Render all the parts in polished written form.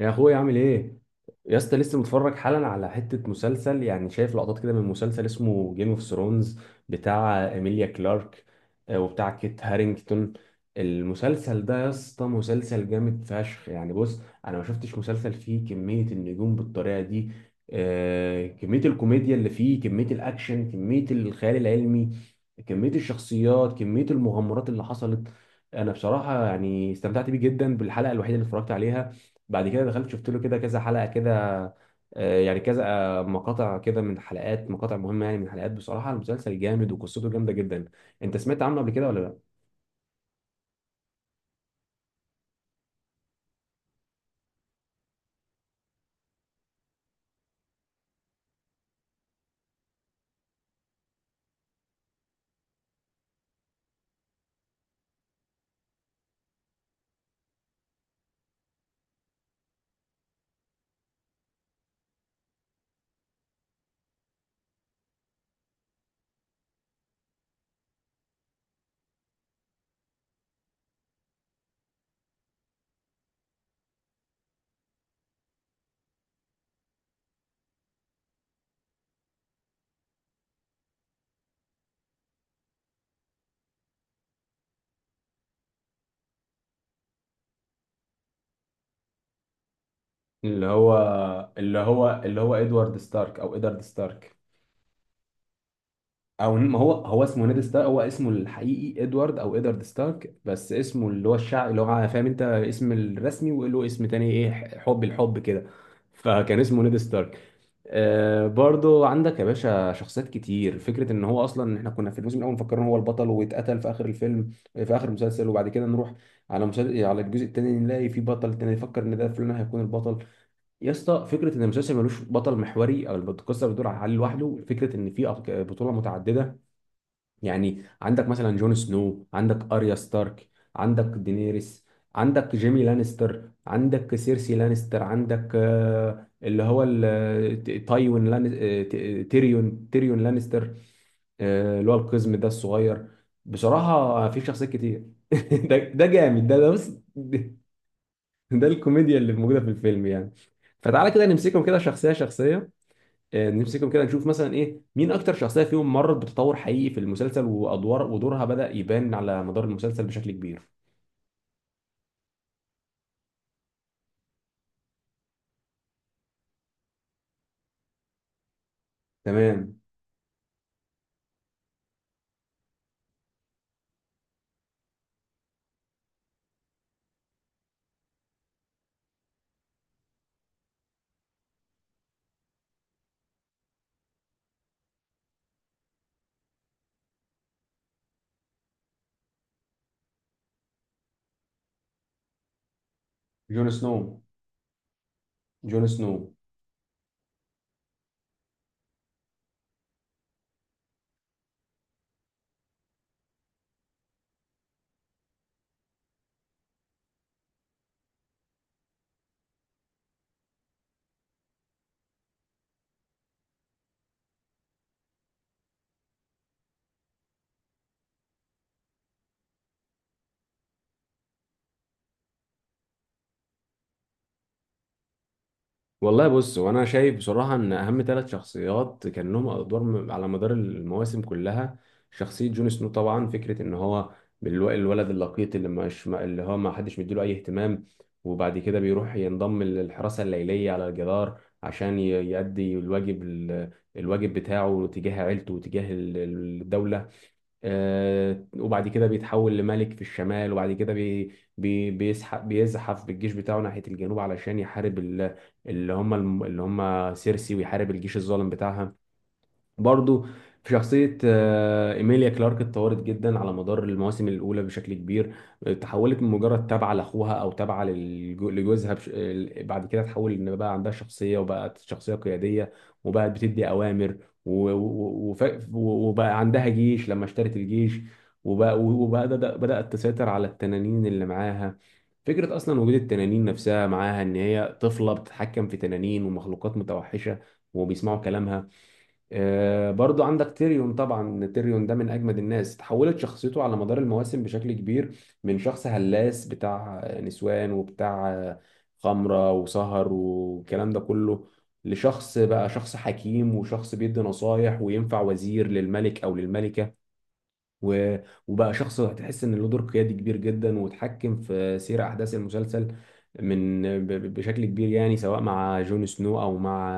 يا اخويا عامل ايه؟ يا اسطى لسه متفرج حالا على حته مسلسل، شايف لقطات كده من مسلسل اسمه جيم اوف ثرونز، بتاع ايميليا كلارك آه، وبتاع كيت هارينجتون. المسلسل ده يا اسطى مسلسل جامد فشخ، بص، انا ما شفتش مسلسل فيه كميه النجوم بالطريقه دي. كميه الكوميديا اللي فيه، كميه الاكشن، كميه الخيال العلمي، كميه الشخصيات، كميه المغامرات اللي حصلت. انا بصراحه استمتعت بيه جدا بالحلقه الوحيده اللي اتفرجت عليها. بعد كده دخلت شفت له كده كذا حلقة كده. يعني كذا مقاطع كده من حلقات، مقاطع مهمة من حلقات. بصراحة المسلسل جامد وقصته جامدة جدا. انت سمعت عنه قبل كده ولا لا؟ اللي هو اللي هو ادوارد ستارك او ادارد ستارك. او ما هو هو اسمه نيد ستارك، هو اسمه الحقيقي ادوارد او ادارد ستارك، بس اسمه اللي هو الشعب اللي هو فاهم انت اسم الرسمي وله اسم تاني ايه، حب الحب كده، فكان اسمه نيد ستارك. آه، برضو عندك يا باشا شخصيات كتير. فكرة ان هو اصلا احنا كنا في الموسم الاول مفكرين هو البطل واتقتل في اخر الفيلم في اخر المسلسل، وبعد كده نروح على مسلسل على الجزء التاني نلاقي في بطل تاني، يفكر ان ده فلان هيكون البطل. يا اسطى فكرة ان المسلسل ملوش بطل محوري او القصة بتدور على علي لوحده، فكرة ان في بطولة متعددة. يعني عندك مثلا جون سنو، عندك اريا ستارك، عندك دينيريس، عندك جيمي لانستر، عندك سيرسي لانستر، عندك اللي هو تايوين لان آه، ت- آه، تيريون تيريون لانستر، اللي هو القزم ده الصغير. بصراحة في شخصيات كتير. ده جامد، ده بص، ده ده الكوميديا اللي موجودة في الفيلم يعني. فتعالى كده نمسكهم كده شخصية شخصية، نمسكهم كده نشوف مثلا ايه، مين اكتر شخصيه فيهم مرت بتطور حقيقي في المسلسل وادوار ودورها بدأ يبان على مدار المسلسل بشكل كبير. تمام. جون سنو. جون سنو. والله بص، وانا شايف بصراحه ان اهم ثلاث شخصيات كان لهم ادوار على مدار المواسم كلها، شخصيه جون سنو طبعا. فكره ان هو الولد اللقيط اللي مش اللي هو ما حدش مديله اي اهتمام، وبعد كده بيروح ينضم للحراسه الليليه على الجدار عشان يؤدي الواجب الواجب بتاعه تجاه عيلته وتجاه الدوله. آه، وبعد كده بيتحول لملك في الشمال، وبعد كده بي بي بيسحف بيزحف بالجيش بتاعه ناحية الجنوب علشان يحارب اللي هم سيرسي، ويحارب الجيش الظالم بتاعها. برضو في شخصية آه، إيميليا كلارك، اتطورت جدا على مدار المواسم الأولى بشكل كبير. تحولت من مجرد تابعة لأخوها أو تابعة لجوزها، بش... آه، بعد كده اتحولت إن بقى عندها شخصية وبقت شخصية قيادية وبقت بتدي أوامر، و... و... وف... وبقى عندها جيش لما اشترت الجيش، بدأت تسيطر على التنانين اللي معاها. فكرة أصلا وجود التنانين نفسها معاها إن هي طفلة بتتحكم في تنانين ومخلوقات متوحشة وبيسمعوا كلامها. آه، برضو عندك تيريون طبعا. تيريون ده من اجمد الناس، تحولت شخصيته على مدار المواسم بشكل كبير، من شخص هلاس بتاع نسوان وبتاع خمرة وسهر والكلام ده كله، لشخص بقى شخص حكيم وشخص بيدي نصايح وينفع وزير للملك او للملكة، و... وبقى شخص هتحس ان له دور قيادي كبير جدا وتحكم في سير احداث المسلسل من بشكل كبير، سواء مع جون سنو او مع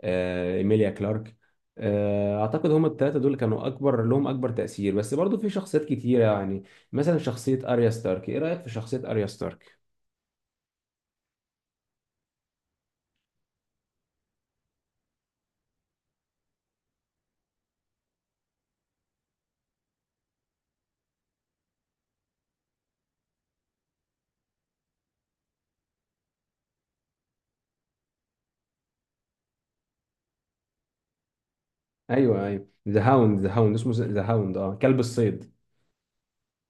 آه، ايميليا كلارك. اعتقد هم الثلاثه دول كانوا اكبر تاثير، بس برضو في شخصيات كتيره يعني. مثلا شخصيه اريا ستارك، ايه رايك في شخصيه اريا ستارك؟ ايوه، ايوه، ذا هاوند. اسمه ذا هاوند، اه كلب الصيد.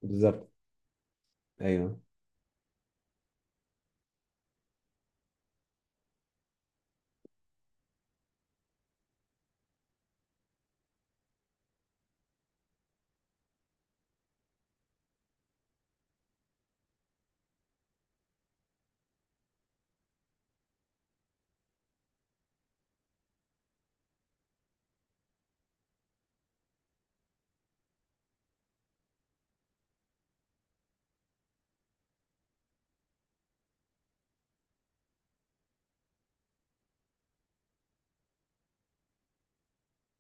بالظبط. ايوه.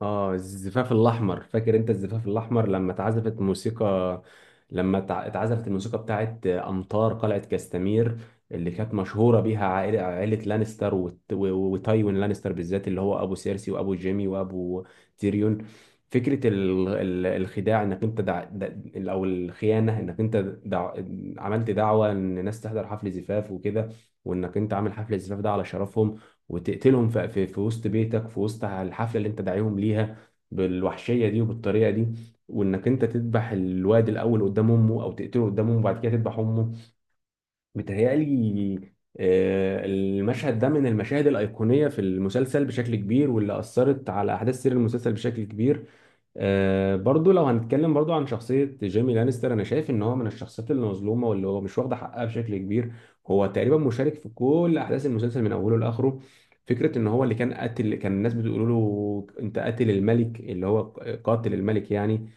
اه الزفاف الاحمر، فاكر انت الزفاف الاحمر لما اتعزفت موسيقى، اتعزفت الموسيقى بتاعت امطار قلعة كاستمير، اللي كانت مشهورة بيها عائلة لانستر وت- و- و- وتايوين لانستر بالذات، اللي هو ابو سيرسي وابو جيمي وابو تيريون. فكرة الخداع انك انت او الخيانة انك انت دع... عملت دعوة ان الناس تحضر حفل زفاف وكده، وانك انت عامل حفل الزفاف ده على شرفهم، وتقتلهم في وسط بيتك في وسط الحفلة اللي انت داعيهم ليها بالوحشية دي وبالطريقة دي، وانك انت تذبح الواد الاول قدام امه او تقتله قدام امه وبعد كده تذبح امه. متهيألي آه، المشهد ده من المشاهد الأيقونية في المسلسل بشكل كبير، واللي أثرت على أحداث سير المسلسل بشكل كبير. آه، برضو لو هنتكلم برضو عن شخصية جيمي لانستر، أنا شايف إن هو من الشخصيات اللي مظلومة واللي هو مش واخدة حقها بشكل كبير. هو تقريبا مشارك في كل أحداث المسلسل من أوله لآخره. فكرة إن هو اللي كان قاتل، كان الناس بتقول له أنت قاتل الملك، اللي هو قاتل الملك يعني.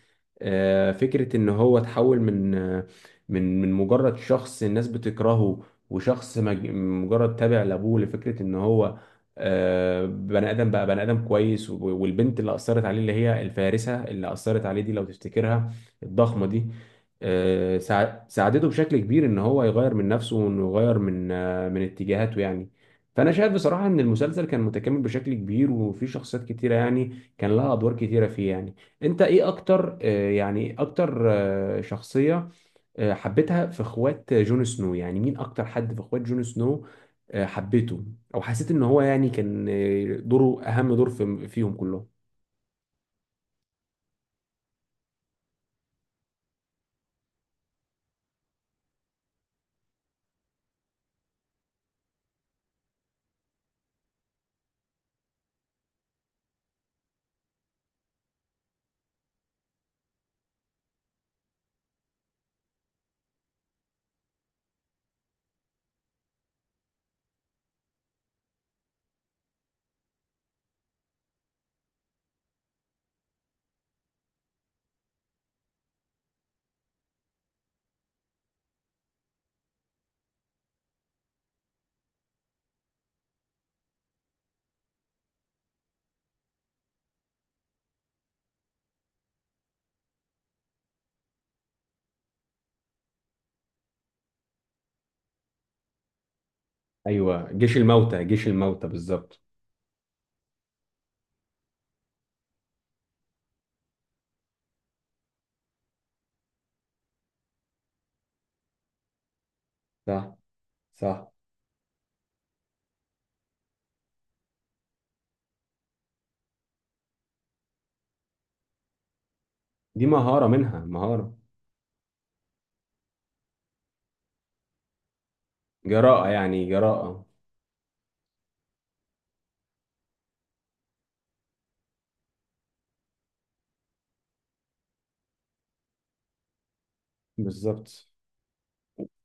آه، فكرة إن هو تحول من آه، من مجرد شخص الناس بتكرهه وشخص مجرد تابع لابوه، لفكره ان هو آه، بني ادم، بقى بني ادم كويس. و- والبنت اللي اثرت عليه اللي هي الفارسه اللي اثرت عليه دي لو تفتكرها، الضخمه دي، آه، ساعدته بشكل كبير ان هو يغير من نفسه وانه يغير من آه، من اتجاهاته يعني. فانا شايف بصراحه ان المسلسل كان متكامل بشكل كبير، وفي شخصيات كتيره يعني كان لها ادوار كتيره فيه يعني. انت ايه اكتر آه، يعني إيه اكتر آه، شخصيه آه، حبيتها في اخوات جون سنو؟ يعني مين اكتر حد في اخوات جون سنو حبيته او حسيت ان هو يعني كان دوره اهم دور فيهم كلهم؟ ايوه، جيش الموتى بالظبط. صح. صح. دي مهارة منها، مهارة. جراءة يعني، جراءة. بالظبط.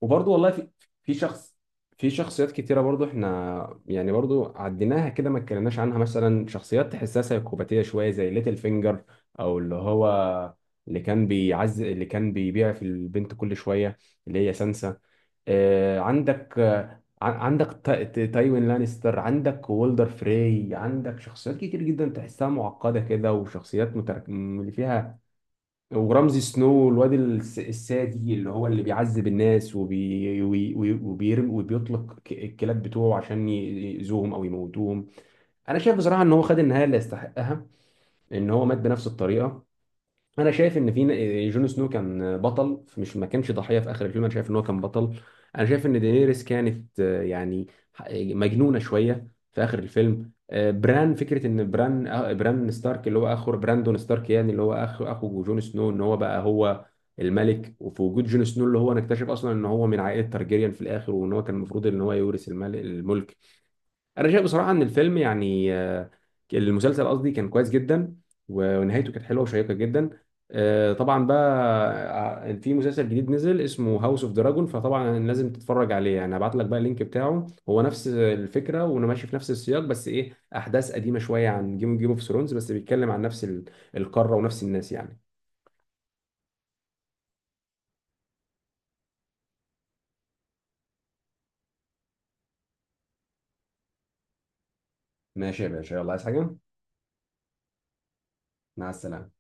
وبرضه والله في في شخص في شخصيات كتيرة برضه احنا يعني برضه عديناها كده ما اتكلمناش عنها. مثلا شخصيات تحسها سيكوباتية شوية زي ليتل فينجر، او اللي هو اللي كان بيبيع في البنت كل شوية، اللي هي سانسا. آه، عندك آه، عندك تايوين لانستر، عندك وولدر فري، عندك شخصيات كتير جدا تحسها معقدة كده وشخصيات اللي فيها ورمزي سنو، الواد السادي اللي هو اللي بيعذب الناس وبي وي- وي- وبيرم وبيطلق الكلاب بتوعه عشان يأذوهم او يموتوهم. انا شايف بصراحه ان هو خد النهايه اللي يستحقها، ان هو مات بنفس الطريقه. انا شايف ان جون سنو كان بطل مش ما كانش ضحيه في اخر الفيلم، انا شايف ان هو كان بطل. انا شايف ان دينيريس كانت آه، يعني مجنونه شويه في اخر الفيلم. آه، بران، فكره ان بران آه، بران ستارك اللي هو اخو براندون ستارك يعني اللي هو اخو جون سنو، ان هو بقى هو الملك، وفي وجود جون سنو اللي هو نكتشف اصلا ان هو من عائله تارجيريان في الاخر، وان هو كان المفروض ان هو يورث الملك. انا شايف بصراحه ان الفيلم يعني آه، المسلسل قصدي كان كويس جدا، و- ونهايته كانت حلوه وشيقه جدا. آه، طبعا بقى آه، في مسلسل جديد نزل اسمه هاوس اوف دراجون، فطبعا لازم تتفرج عليه يعني. هبعت لك بقى اللينك بتاعه. هو نفس الفكره وانا ماشي في نفس السياق، بس ايه احداث قديمه شويه عن جيم اوف ثرونز، بس بيتكلم عن نفس القاره ونفس الناس يعني. ماشي يا باشا، يلا، عايز حاجه؟ مع السلامه.